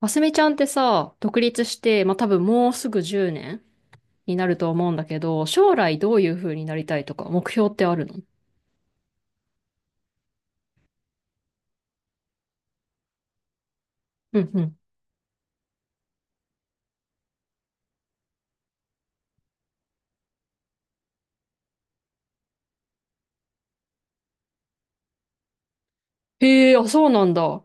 あすみちゃんってさ、独立して、まあ、多分もうすぐ10年になると思うんだけど、将来どういう風になりたいとか、目標ってあるの？うんうん。へえ、あ、そうなんだ。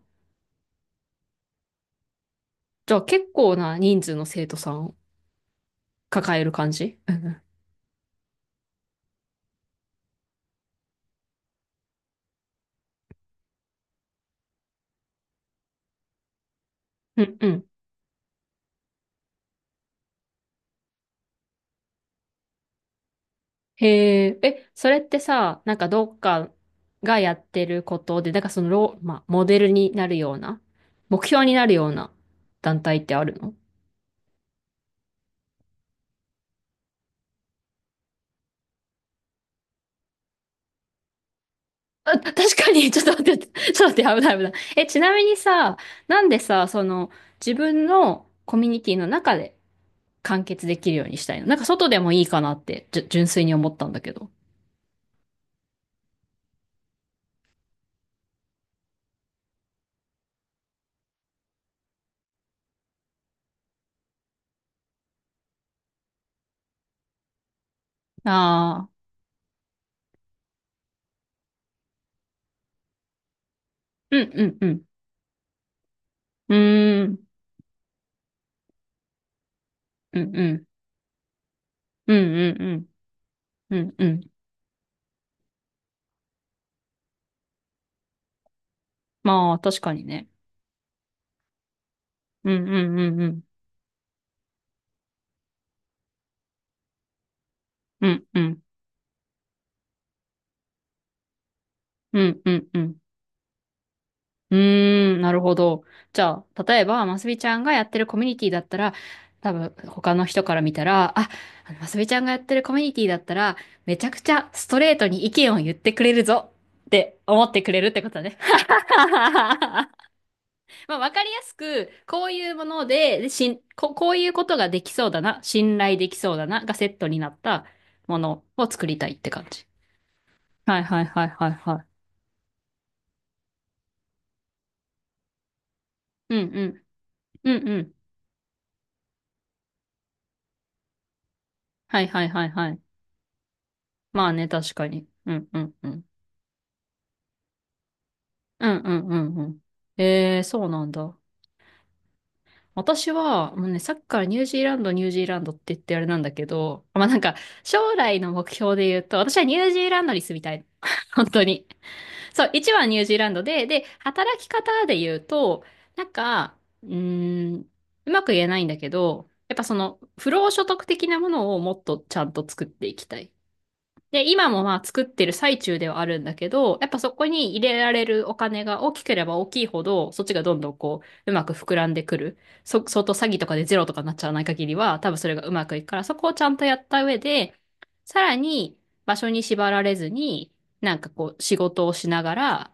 じゃあ結構な人数の生徒さんを抱える感じ？うんうん。へえ、え、それってさ、なんかどっかがやってることで、なんかそのまあ、モデルになるような、目標になるような団体ってあるの？あ、確かに、ちょっと待って、ちょっと待って、危ない危ない。え、ちなみにさ、なんでさ、その、自分のコミュニティの中で完結できるようにしたいのなんか外でもいいかなって、純粋に思ったんだけど。ああ、うんうんうん。うーん、うんうん。うんうんうん。うんうん。まあ、確かにね。うんうんうんうん。うんうん。うんうんうん。うーん、なるほど。じゃあ、例えば、ますみちゃんがやってるコミュニティだったら、多分、他の人から見たら、あ、あのますみちゃんがやってるコミュニティだったら、めちゃくちゃストレートに意見を言ってくれるぞって思ってくれるってことね。まあ、わかりやすく、こういうもので、でしん、こ、こういうことができそうだな、信頼できそうだな、がセットになったものを作りたいって感じ。はいはいはいはいはい。うんうん。うんうん。はいはいはいはい。まあね、確かに。うんうんうん。うんうんうんうん。えー、そうなんだ。私は、もうね、さっきからニュージーランド、ニュージーランドって言ってあれなんだけど、まあなんか、将来の目標で言うと、私はニュージーランドに住みたいの。本当に。そう、一番ニュージーランドで、働き方で言うと、なんか、うーん、うまく言えないんだけど、やっぱその、不労所得的なものをもっとちゃんと作っていきたい。で、今もまあ作ってる最中ではあるんだけど、やっぱそこに入れられるお金が大きければ大きいほど、そっちがどんどんこう、うまく膨らんでくる。相当詐欺とかでゼロとかになっちゃわない限りは、多分それがうまくいくから、そこをちゃんとやった上で、さらに場所に縛られずに、なんかこう、仕事をしながら、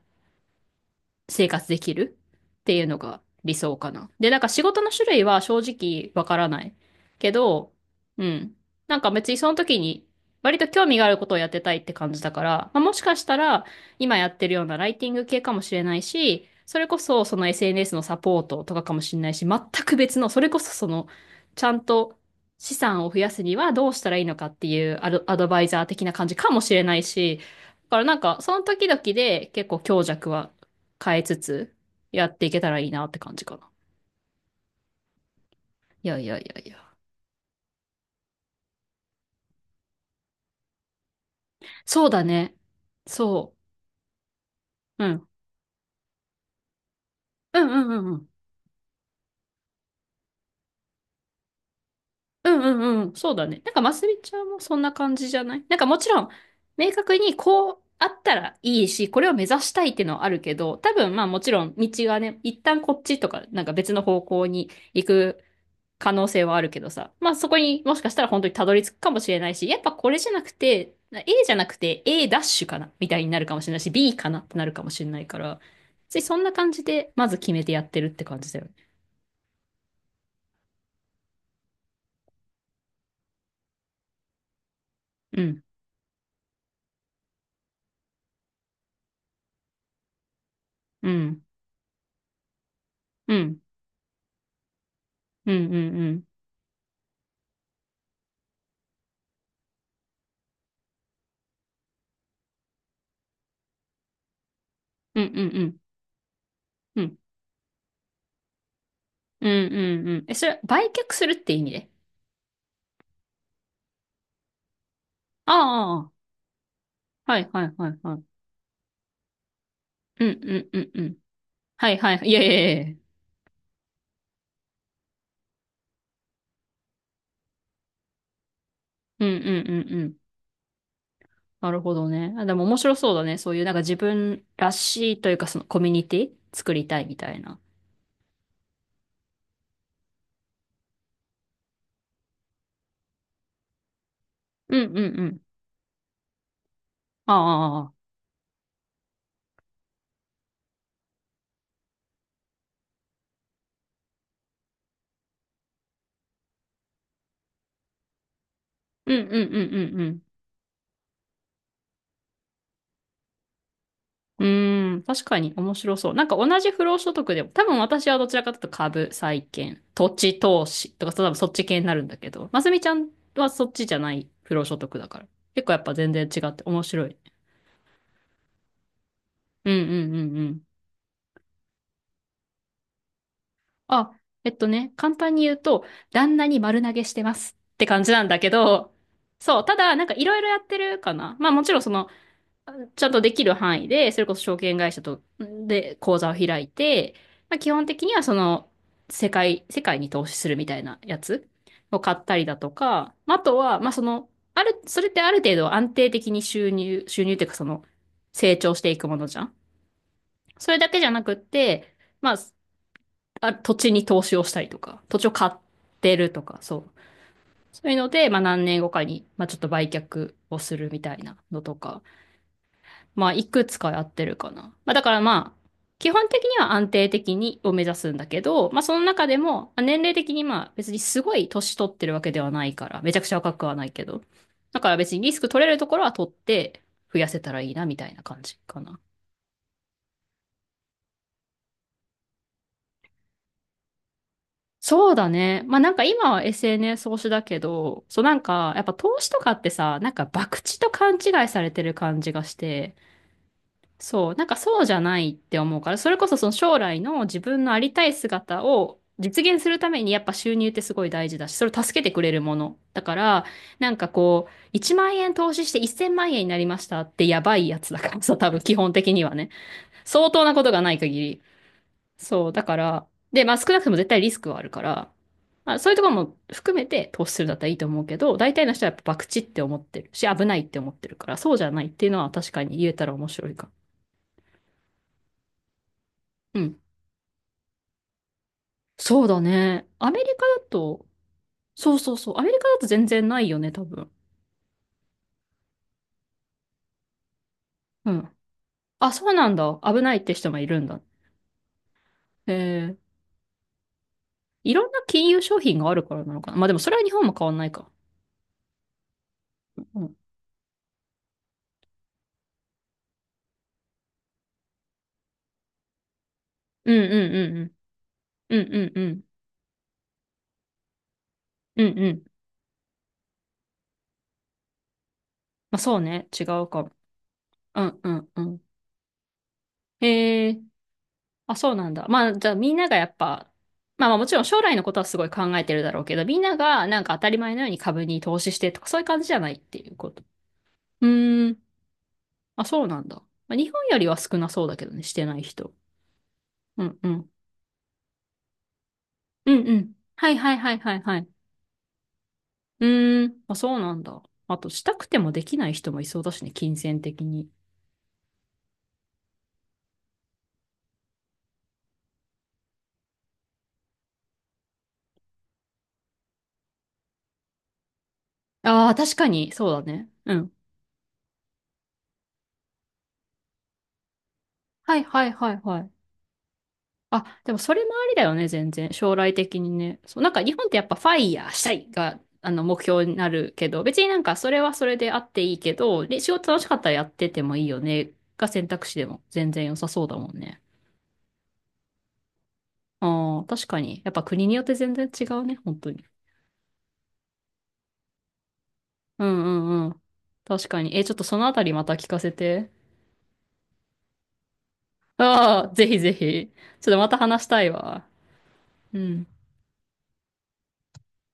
生活できるっていうのが理想かな。で、なんか仕事の種類は正直わからないけど、うん。なんか別にその時に割と興味があることをやってたいって感じだから、まあ、もしかしたら今やってるようなライティング系かもしれないし、それこそその SNS のサポートとかかもしれないし、全く別の、それこそその、ちゃんと資産を増やすにはどうしたらいいのかっていうアドバイザー的な感じかもしれないし、だからなんかその時々で結構強弱は変えつつ、やっていけたらいいなって感じかな。いやいやいやいや。そうだね。そう。うん。うんうんうんうん。うんうんうん。そうだね。なんか、マスみちゃんもそんな感じじゃない？なんか、もちろん、明確にこうあったらいいし、これを目指したいっていうのはあるけど、多分、まあもちろん、道がね、一旦こっちとか、なんか別の方向に行く可能性はあるけどさ。まあそこにもしかしたら本当にたどり着くかもしれないし、やっぱこれじゃなくて、A じゃなくて A ダッシュかなみたいになるかもしれないし、B かなってなるかもしれないから、ついそんな感じでまず決めてやってるって感じだよね。うん。うん。うん。うん。うん。うん。うん。うん。うん。うん。うん。うん。え、それは売却するって意味で？ああ、ああ、はいはいはいはい。うんうんうんうん。はいはい。いやいやいやいや。うんうんうんうん。なるほどね。あ、でも面白そうだね。そういうなんか自分らしいというかそのコミュニティ作りたいみたいな。うんうんうん。ああ、ああ、うんうんうんうんうん。うーん、確かに面白そう。なんか同じ不労所得でも、多分私はどちらかというと株、債券、土地投資とか、多分そっち系になるんだけど、ますみちゃんはそっちじゃない不労所得だから。結構やっぱ全然違って面白い。うんうんうんうん。あ、簡単に言うと、旦那に丸投げしてますって感じなんだけど、そう、ただ、なんかいろいろやってるかな。まあもちろんその、ちゃんとできる範囲で、それこそ証券会社と、で、口座を開いて、まあ基本的にはその、世界に投資するみたいなやつを買ったりだとか、まああとは、まあその、それってある程度安定的に収入っていうかその、成長していくものじゃん。それだけじゃなくって、まあ、あ、土地に投資をしたりとか、土地を買ってるとか、そう。そういうので、まあ何年後かに、まあちょっと売却をするみたいなのとか、まあいくつかやってるかな。まあだからまあ、基本的には安定的にを目指すんだけど、まあその中でも、まあ年齢的にまあ別にすごい年取ってるわけではないから、めちゃくちゃ若くはないけど、だから別にリスク取れるところは取って増やせたらいいなみたいな感じかな。そうだね。まあなんか今は SNS 投資だけど、そうなんかやっぱ投資とかってさ、なんか博打と勘違いされてる感じがして、そう、なんかそうじゃないって思うから、それこそその将来の自分のありたい姿を実現するためにやっぱ収入ってすごい大事だし、それを助けてくれるもの。だから、なんかこう、1万円投資して1000万円になりましたってやばいやつだからさ、多分基本的にはね。相当なことがない限り。そう、だから、で、まあ少なくとも絶対リスクはあるから、まあそういうところも含めて投資するんだったらいいと思うけど、大体の人はやっぱ博打って思ってるし、危ないって思ってるから、そうじゃないっていうのは確かに言えたら面白いか。うん。そうだね。アメリカだと、そうそうそう、アメリカだと全然ないよね、多分。うん。あ、そうなんだ。危ないって人もいるんだ。へえ。いろんな金融商品があるからなのかな。まあでもそれは日本も変わんないか。うん。うんうんうんうん。うんうんうん。うんうん。まあそうね。違うかも。うんうんうん。へえ、あ、そうなんだ。まあ、じゃあみんながやっぱ、まあまあもちろん将来のことはすごい考えてるだろうけど、みんながなんか当たり前のように株に投資してとかそういう感じじゃないっていうこと。うーん。あ、そうなんだ。まあ、日本よりは少なそうだけどね、してない人。うんうん。うんうん。はいはいはいはいはい。うーん。あ、そうなんだ。あと、したくてもできない人もいそうだしね、金銭的に。ああ、確かに、そうだね。うん。はいはいはいはい。あ、でもそれもありだよね、全然。将来的にね。そう、なんか日本ってやっぱファイヤーしたいが、目標になるけど、別になんかそれはそれであっていいけど、で、仕事楽しかったらやっててもいいよね、が選択肢でも全然良さそうだもんね。ああ、確かに。やっぱ国によって全然違うね、本当に。うんうんうん。確かに。え、ちょっとそのあたりまた聞かせて。ああ、ぜひぜひ。ちょっとまた話したいわ。うん。